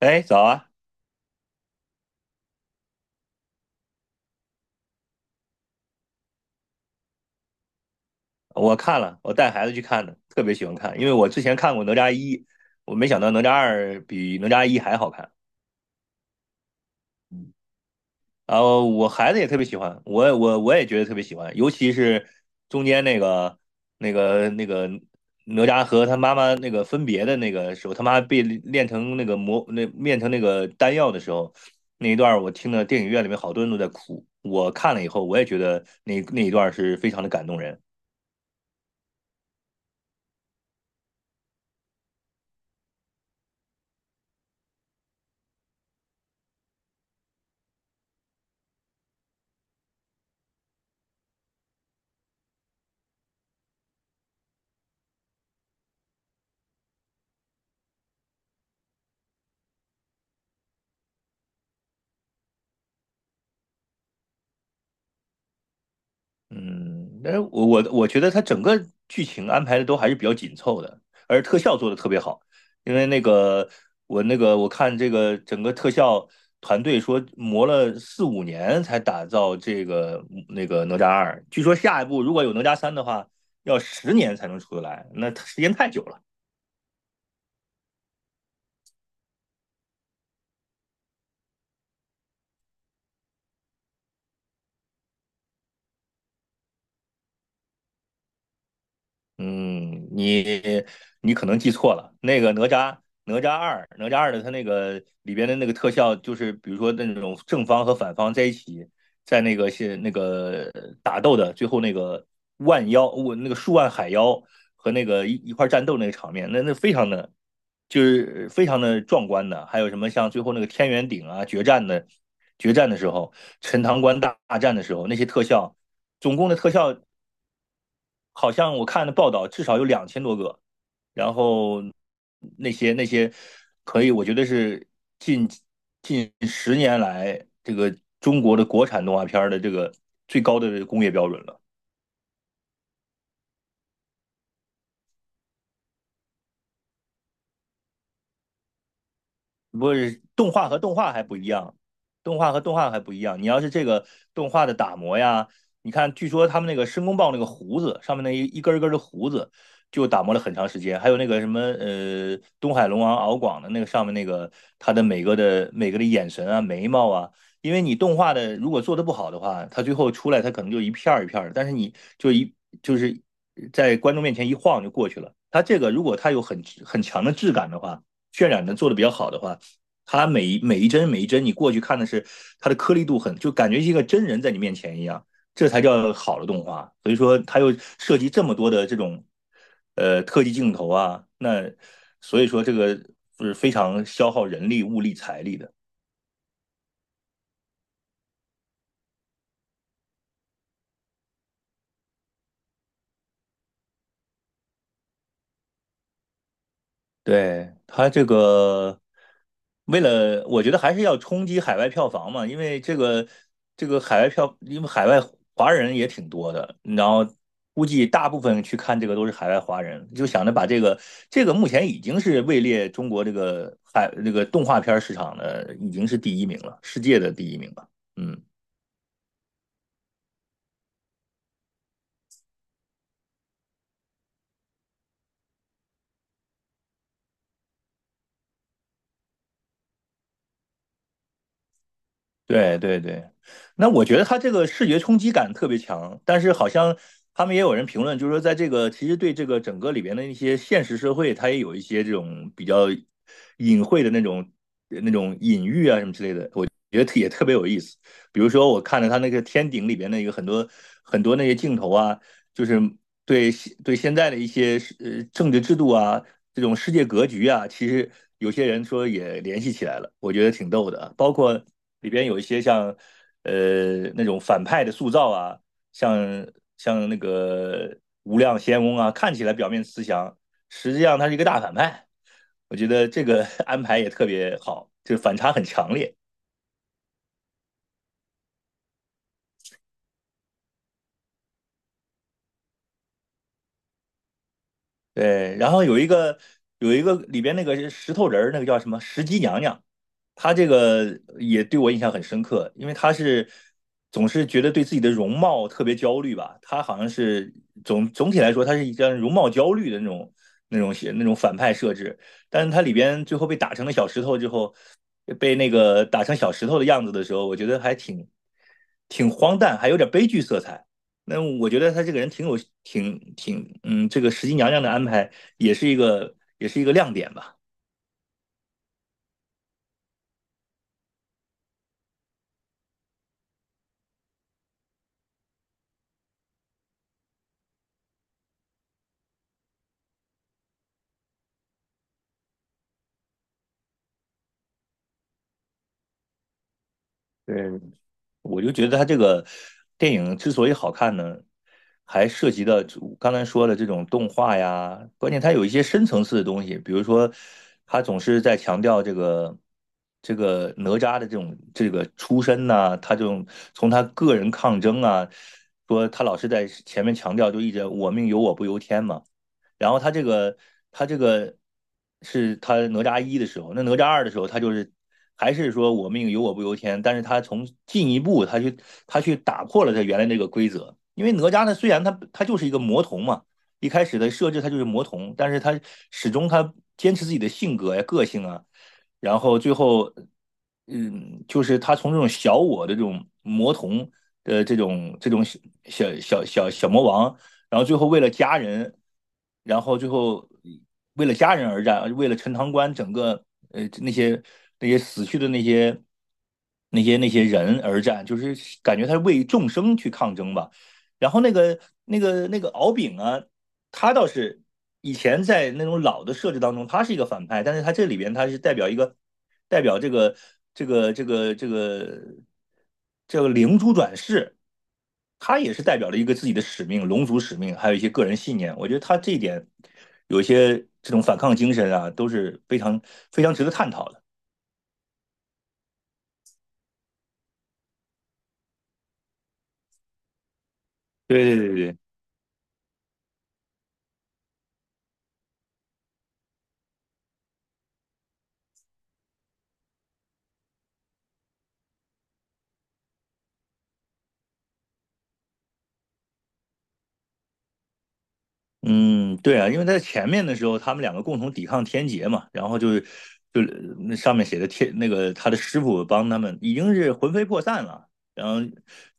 哎，早啊！我看了，我带孩子去看的，特别喜欢看，因为我之前看过《哪吒一》，我没想到《哪吒二》比《哪吒一》还好看。嗯，然后我孩子也特别喜欢，我也觉得特别喜欢，尤其是中间那个哪吒和他妈妈那个分别的那个时候，他妈被炼成那个丹药的时候，那一段儿我听了电影院里面好多人都在哭，我看了以后我也觉得那一段儿是非常的感动人。嗯，但是我觉得它整个剧情安排的都还是比较紧凑的，而特效做的特别好。因为我看这个整个特效团队说磨了四五年才打造这个哪吒二，据说下一步如果有哪吒三的话，要十年才能出得来，那它时间太久了。嗯，你可能记错了，哪吒二的它那个里边的那个特效，就是比如说那种正方和反方在一起，在那个是那个打斗的最后那个万妖，我那个数万海妖和一块战斗那个场面，那非常的非常的壮观的，还有什么像最后那个天元鼎啊决战的时候，陈塘关大战的时候那些特效。总共的特效好像我看的报道至少有2000多个，然后那些可以，我觉得是近近十年来这个中国的国产动画片儿的这个最高的工业标准了。不是动画和动画还不一样，动画和动画还不一样。你要是这个动画的打磨呀，你看，据说他们那个申公豹那个胡子上面那一根一根的胡子，就打磨了很长时间。还有那个什么东海龙王敖广的那个上面那个他的每个的眼神啊、眉毛啊，因为你动画的如果做的不好的话，他最后出来他可能就一片儿一片儿的，但是你就是在观众面前一晃就过去了。他这个如果他有很强的质感的话，渲染的做的比较好的话。它每一帧每一帧，你过去看的是它的颗粒度很，就感觉一个真人在你面前一样，这才叫好的动画。所以说，它又涉及这么多的这种特技镜头啊，那所以说这个是非常消耗人力、物力、财力的。对，他这个，为了我觉得还是要冲击海外票房嘛，因为这个海外票，因为海外华人也挺多的，然后估计大部分去看这个都是海外华人，就想着把这个目前已经是位列中国这个海那个动画片市场的已经是第一名了，世界的第一名了，嗯。对对对，那我觉得他这个视觉冲击感特别强，但是好像他们也有人评论，就是说在这个其实对这个整个里边的一些现实社会，他也有一些这种比较隐晦的那种隐喻啊什么之类的，我觉得也特别有意思。比如说我看了他那个天顶里边的一个很多很多那些镜头啊，就是对对现在的一些政治制度啊，这种世界格局啊，其实有些人说也联系起来了，我觉得挺逗的啊包括里边有一些像那种反派的塑造啊，像像那个无量仙翁啊，看起来表面慈祥，实际上他是一个大反派。我觉得这个 安排也特别好，就反差很强烈。对，然后有一个里边那个石头人儿，那个叫什么石矶娘娘，她这个也对我印象很深刻，因为她是总是觉得对自己的容貌特别焦虑吧，她好像是总体来说，她是一张容貌焦虑的那种写那种反派设置，但是她里边最后被打成了小石头之后，被那个打成小石头的样子的时候，我觉得还挺荒诞，还有点悲剧色彩。那我觉得他这个人挺有挺挺嗯，这个石矶娘娘的安排也是一个亮点吧。对，我就觉得他这个电影之所以好看呢，还涉及到刚才说的这种动画呀，关键它有一些深层次的东西，比如说他总是在强调这个哪吒的这种这个出身呐、他这种从他个人抗争啊，说他老是在前面强调，就一直我命由我不由天嘛。然后他这个是他哪吒一的时候，那哪吒二的时候，他就是还是说我命由我不由天，但是他从进一步他去打破了他原来那个规则，因为哪吒呢虽然他就是一个魔童嘛，一开始的设置他就是魔童，但是他始终他坚持自己的性格呀、个性啊，然后最后就是他从这种小我的这种魔童的这种小魔王，然后最后为了家人，然后最后为了家人而战，为了陈塘关整个呃那些那些死去的那些人而战，就是感觉他是为众生去抗争吧。然后那个敖丙啊，他倒是以前在那种老的设置当中，他是一个反派，但是他这里边他是代表这个这个这个这个灵珠转世，他也是代表了一个自己的使命、龙族使命，还有一些个人信念。我觉得他这一点有一些这种反抗精神啊，都是非常非常值得探讨的。对对对对，嗯，对啊，因为在前面的时候，他们两个共同抵抗天劫嘛，然后就那上面写的天那个他的师傅帮他们已经是魂飞魄散了，然后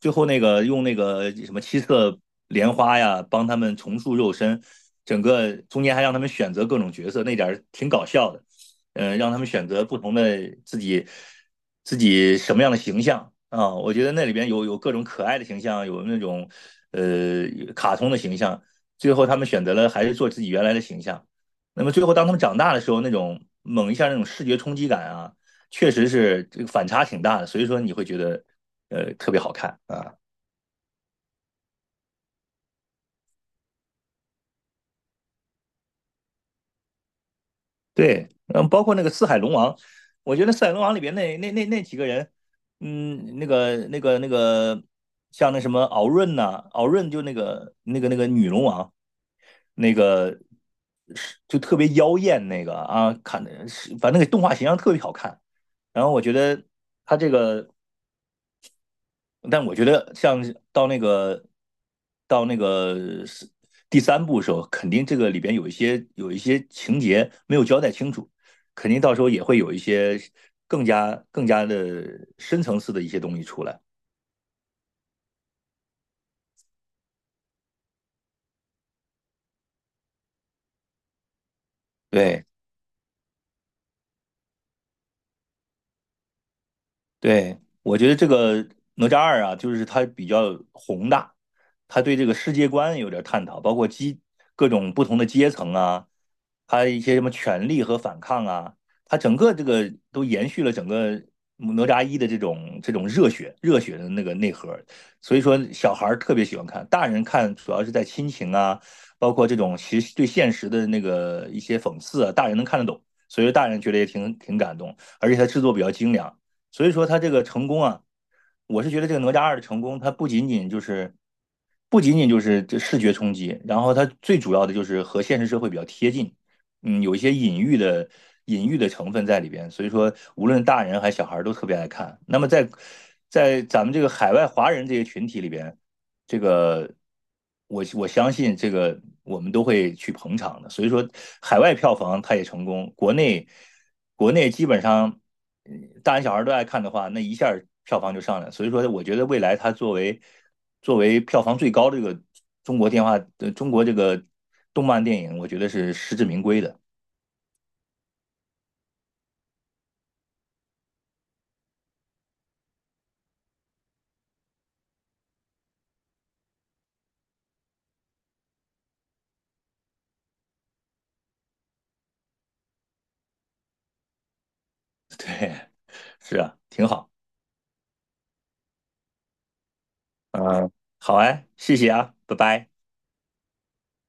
最后那个用那个什么七色莲花呀帮他们重塑肉身，整个中间还让他们选择各种角色，那点儿挺搞笑的，让他们选择不同的自己什么样的形象啊，我觉得那里边有各种可爱的形象，有那种呃卡通的形象。最后他们选择了还是做自己原来的形象。那么最后当他们长大的时候，那种猛一下那种视觉冲击感啊，确实是这个反差挺大的，所以说你会觉得特别好看啊。对，包括那个《四海龙王》，我觉得《四海龙王》里边那几个人，那个，像那什么敖润呐、敖润就那个女龙王，那个是就特别妖艳那个啊，看的是反正那个动画形象特别好看。然后我觉得他这个但我觉得像到那个到那个是第三部的时候，肯定这个里边有一些情节没有交代清楚，肯定到时候也会有一些更加的深层次的一些东西出来。对，对，我觉得这个哪吒二啊，就是它比较宏大，它对这个世界观有点探讨，包括各种不同的阶层啊，它一些什么权力和反抗啊，它整个这个都延续了整个哪吒一的这种热血热血的那个内核，所以说小孩儿特别喜欢看，大人看主要是在亲情啊，包括这种其实对现实的那个一些讽刺啊，大人能看得懂，所以说大人觉得也挺感动，而且它制作比较精良。所以说他这个成功啊，我是觉得这个哪吒二的成功，它不仅仅就是这视觉冲击，然后它最主要的就是和现实社会比较贴近，嗯，有一些隐喻的成分在里边，所以说无论大人还是小孩都特别爱看。那么在咱们这个海外华人这些群体里边，这个我相信这个我们都会去捧场的，所以说海外票房它也成功，国内基本上大人小孩都爱看的话，那一下票房就上来所以说我觉得未来它作为票房最高的这个中国这个动漫电影，我觉得是实至名归的，对，是啊，挺好，嗯，好哎，谢谢啊，拜拜。